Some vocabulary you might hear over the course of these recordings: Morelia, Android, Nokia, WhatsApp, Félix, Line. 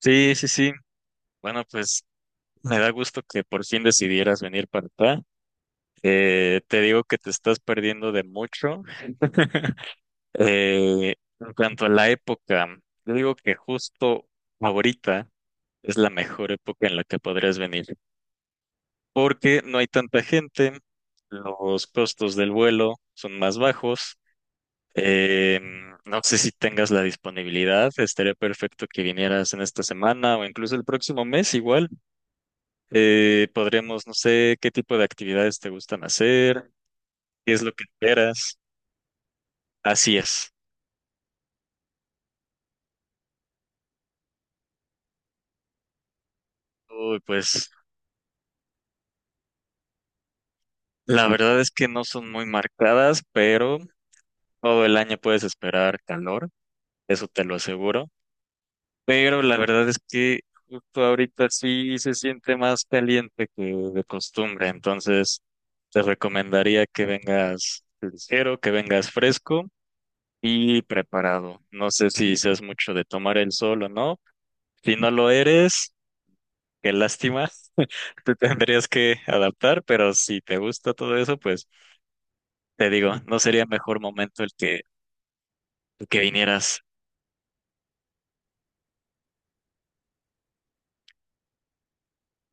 Sí, sí, sí. Bueno, pues me da gusto que por fin decidieras venir para acá. Te digo que te estás perdiendo de mucho. En cuanto a la época, yo digo que justo ahorita es la mejor época en la que podrías venir, porque no hay tanta gente, los costos del vuelo son más bajos. Eh, no sé si tengas la disponibilidad, estaría perfecto que vinieras en esta semana o incluso el próximo mes igual. Podríamos, no sé, qué tipo de actividades te gustan hacer, qué es lo que esperas. Así es. Uy, pues la verdad es que no son muy marcadas, pero todo el año puedes esperar calor, eso te lo aseguro. Pero la verdad es que justo ahorita sí se siente más caliente que de costumbre, entonces te recomendaría que vengas ligero, que vengas fresco y preparado. No sé si seas mucho de tomar el sol o no. Si no lo eres, qué lástima. Te tendrías que adaptar, pero si te gusta todo eso, pues te digo, no sería mejor momento el que vinieras.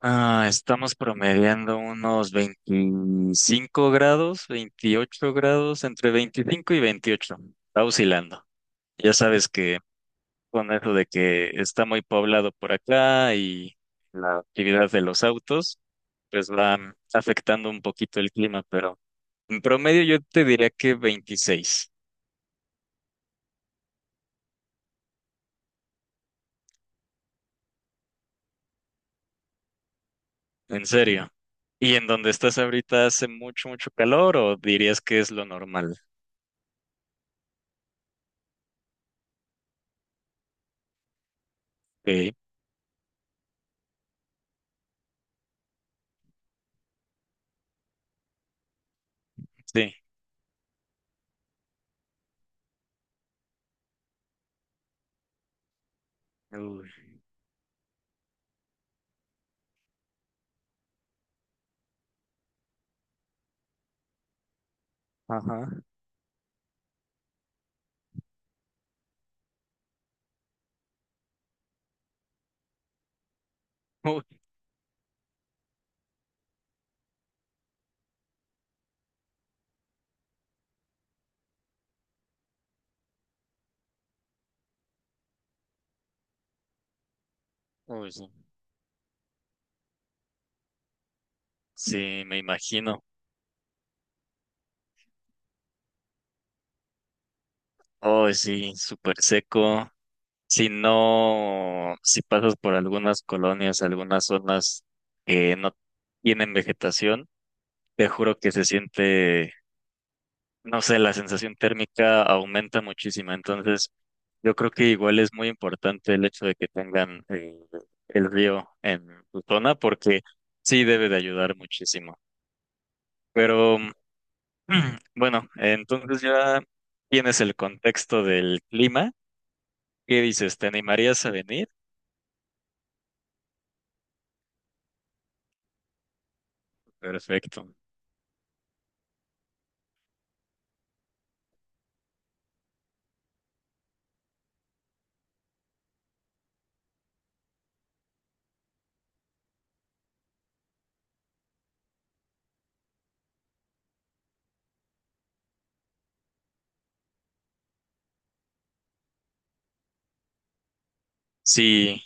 Ah, estamos promediando unos 25 grados, 28 grados, entre 25 y 28. Está oscilando. Ya sabes que con eso de que está muy poblado por acá y la actividad de los autos, pues va afectando un poquito el clima, pero en promedio yo te diría que 26, en serio. ¿Y en donde estás ahorita hace mucho, mucho calor o dirías que es lo normal? Sí, sí. Uy, ajá. Uy, uy, sí. Sí, me imagino. Oh, sí, súper seco. Si no, si pasas por algunas colonias, algunas zonas que no tienen vegetación, te juro que se siente, no sé, la sensación térmica aumenta muchísimo. Entonces, yo creo que igual es muy importante el hecho de que tengan el río en su zona porque sí debe de ayudar muchísimo. Pero bueno, entonces ya tienes el contexto del clima. ¿Qué dices? ¿Te animarías a venir? Perfecto. Sí,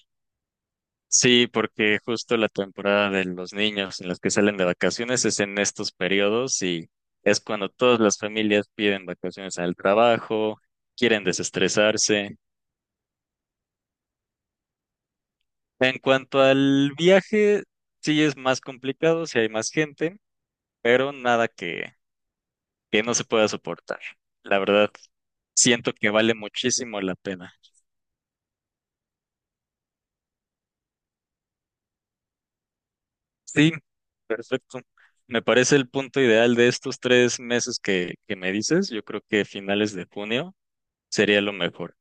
sí, porque justo la temporada de los niños en los que salen de vacaciones es en estos periodos y es cuando todas las familias piden vacaciones al trabajo, quieren desestresarse. En cuanto al viaje, sí es más complicado, sí hay más gente, pero nada que no se pueda soportar. La verdad, siento que vale muchísimo la pena. Sí, perfecto. Me parece el punto ideal de estos 3 meses que me dices. Yo creo que finales de junio sería lo mejor.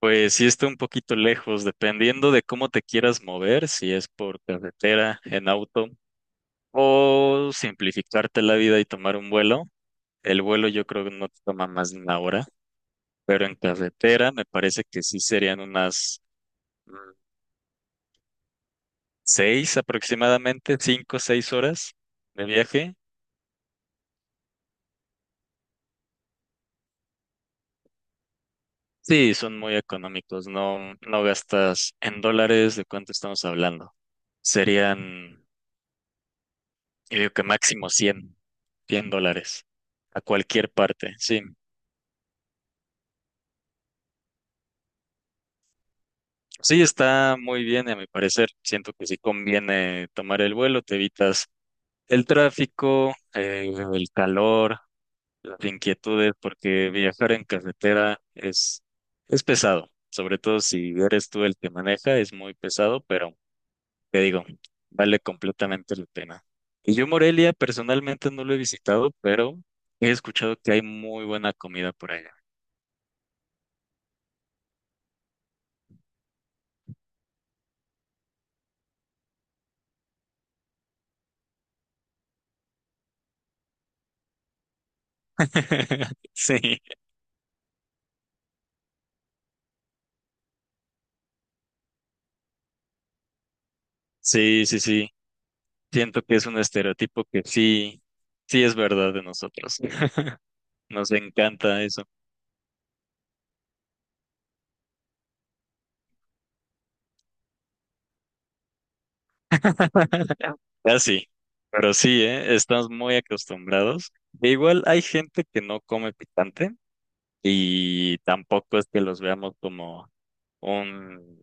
Pues sí está un poquito lejos, dependiendo de cómo te quieras mover, si es por carretera, en auto, o simplificarte la vida y tomar un vuelo. El vuelo yo creo que no te toma más de 1 hora, pero en carretera me parece que sí serían unas mm, 6 aproximadamente, 5, o 6 horas de viaje. Sí, son muy económicos, no, no gastas en dólares, ¿de cuánto estamos hablando? Serían, yo digo que máximo cien dólares a cualquier parte, sí. Sí, está muy bien, a mi parecer. Siento que sí conviene tomar el vuelo, te evitas el tráfico, el calor, las inquietudes, porque viajar en carretera es pesado, sobre todo si eres tú el que maneja, es muy pesado, pero te digo, vale completamente la pena. Y yo Morelia personalmente no lo he visitado, pero he escuchado que hay muy buena comida por allá. Sí, sí, sí, sí. Siento que es un estereotipo que sí, sí es verdad de nosotros. Nos encanta eso. Casi, pero sí, ¿eh? Estamos muy acostumbrados. E igual hay gente que no come picante y tampoco es que los veamos como un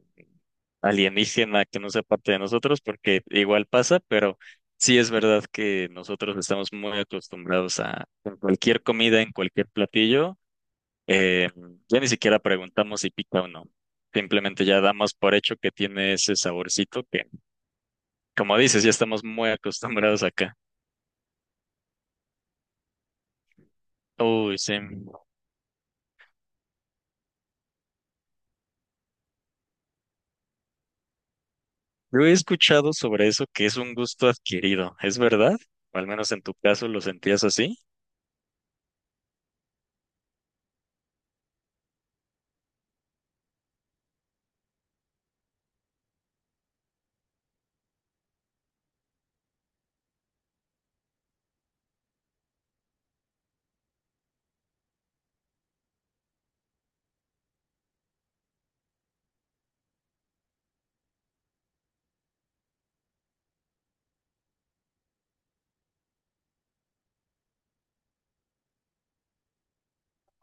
alienígena que no sea parte de nosotros, porque igual pasa, pero sí es verdad que nosotros estamos muy acostumbrados a en cualquier comida, en cualquier platillo, eh, ya ni siquiera preguntamos si pica o no. Simplemente ya damos por hecho que tiene ese saborcito que, como dices, ya estamos muy acostumbrados acá. Uy, sí. Yo he escuchado sobre eso que es un gusto adquirido, ¿es verdad? O al menos en tu caso lo sentías así.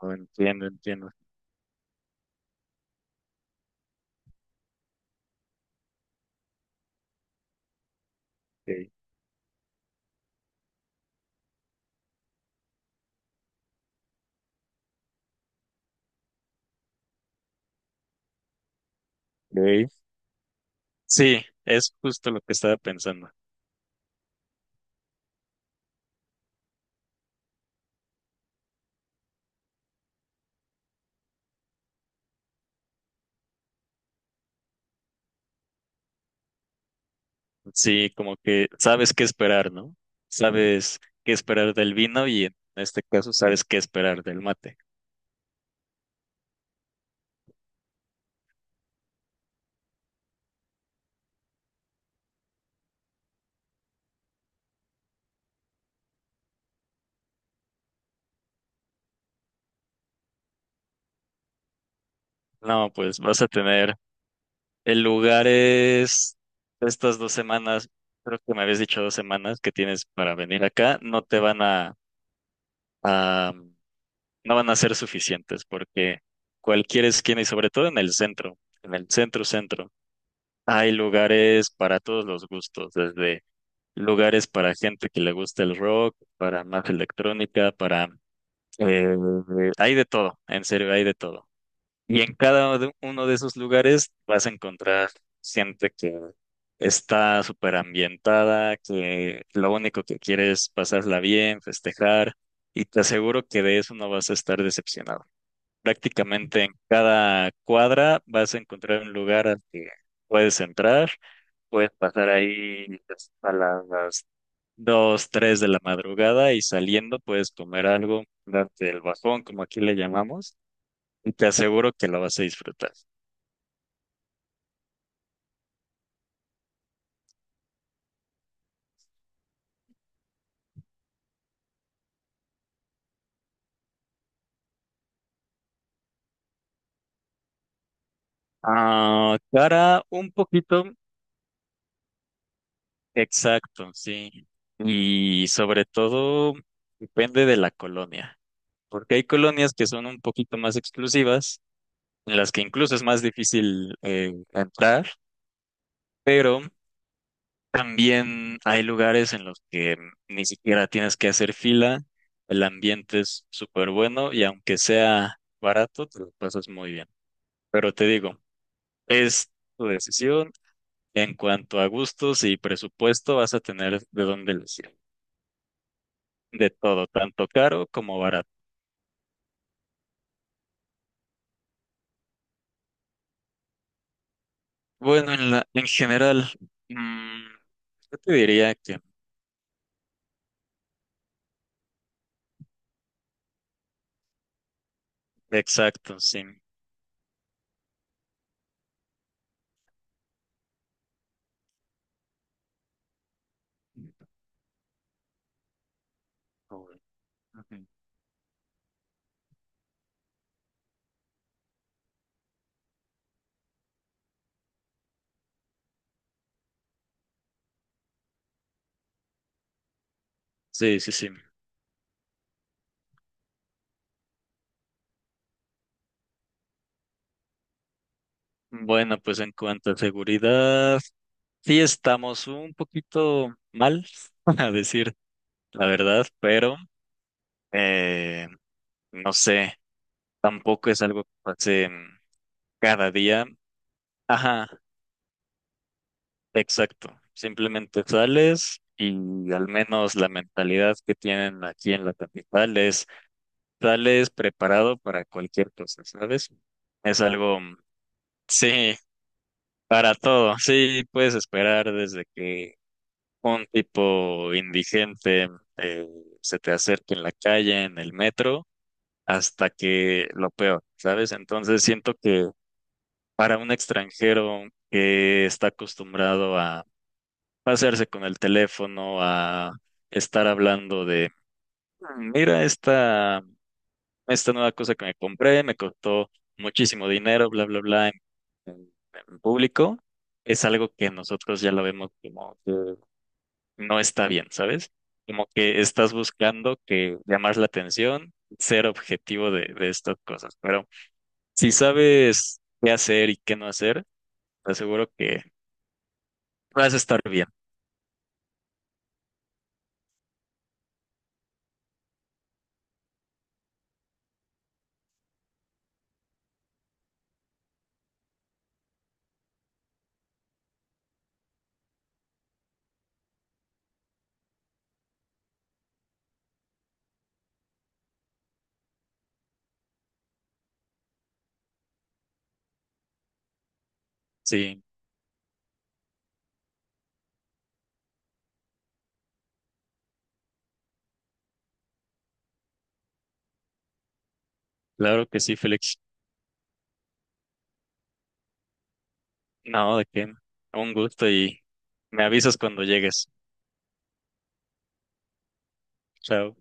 Oh, entiendo, entiendo. Ok, ok. Sí, es justo lo que estaba pensando. Sí, como que sabes qué esperar, ¿no? Sabes qué esperar del vino y en este caso sabes qué esperar del mate. No, pues vas a tener el lugar es estas 2 semanas, creo que me habías dicho 2 semanas que tienes para venir acá, no te van a no van a ser suficientes porque cualquier esquina y sobre todo en el centro centro, hay lugares para todos los gustos, desde lugares para gente que le gusta el rock, para más electrónica, para... eh, hay de todo, en serio, hay de todo. Y en cada uno de esos lugares vas a encontrar gente que está súper ambientada, que lo único que quiere es pasarla bien, festejar, y te aseguro que de eso no vas a estar decepcionado. Prácticamente en cada cuadra vas a encontrar un lugar al que puedes entrar, puedes pasar ahí a las 2 3 de la madrugada y saliendo puedes comer algo, darte el bajón, como aquí le llamamos, y te aseguro que lo vas a disfrutar. Ah, cara, un poquito. Exacto, sí. Y sobre todo depende de la colonia, porque hay colonias que son un poquito más exclusivas en las que incluso es más difícil entrar, pero también hay lugares en los que ni siquiera tienes que hacer fila, el ambiente es súper bueno y aunque sea barato, te lo pasas muy bien. Pero te digo, es tu decisión. En cuanto a gustos y presupuesto, vas a tener de dónde elegir. De todo, tanto caro como barato. Bueno, en general, mm, yo te diría que, exacto, sí. Ujú. Sí, sí, sí. Bueno, pues en cuanto a seguridad, sí estamos un poquito mal, a decir la verdad, pero eh, no sé, tampoco es algo que pase cada día. Ajá, exacto. Simplemente sales y al menos la mentalidad que tienen aquí en la capital es sales preparado para cualquier cosa, ¿sabes? Es algo, sí, para todo. Sí, puedes esperar desde que un tipo indigente eh, se te acerque en la calle, en el metro, hasta que lo peor, ¿sabes? Entonces siento que para un extranjero que está acostumbrado a pasarse con el teléfono, a estar hablando de, "Mm, mira esta, nueva cosa que me compré, me costó muchísimo dinero, bla, bla, bla, en- en público, es algo que nosotros ya lo vemos como... no está bien, ¿sabes? Como que estás buscando que llamar la atención, ser objetivo de estas cosas. Pero si sabes qué hacer y qué no hacer, te aseguro que vas a estar bien. Sí, claro que sí, Félix. No, de qué. Un gusto y me avisas cuando llegues. Chao.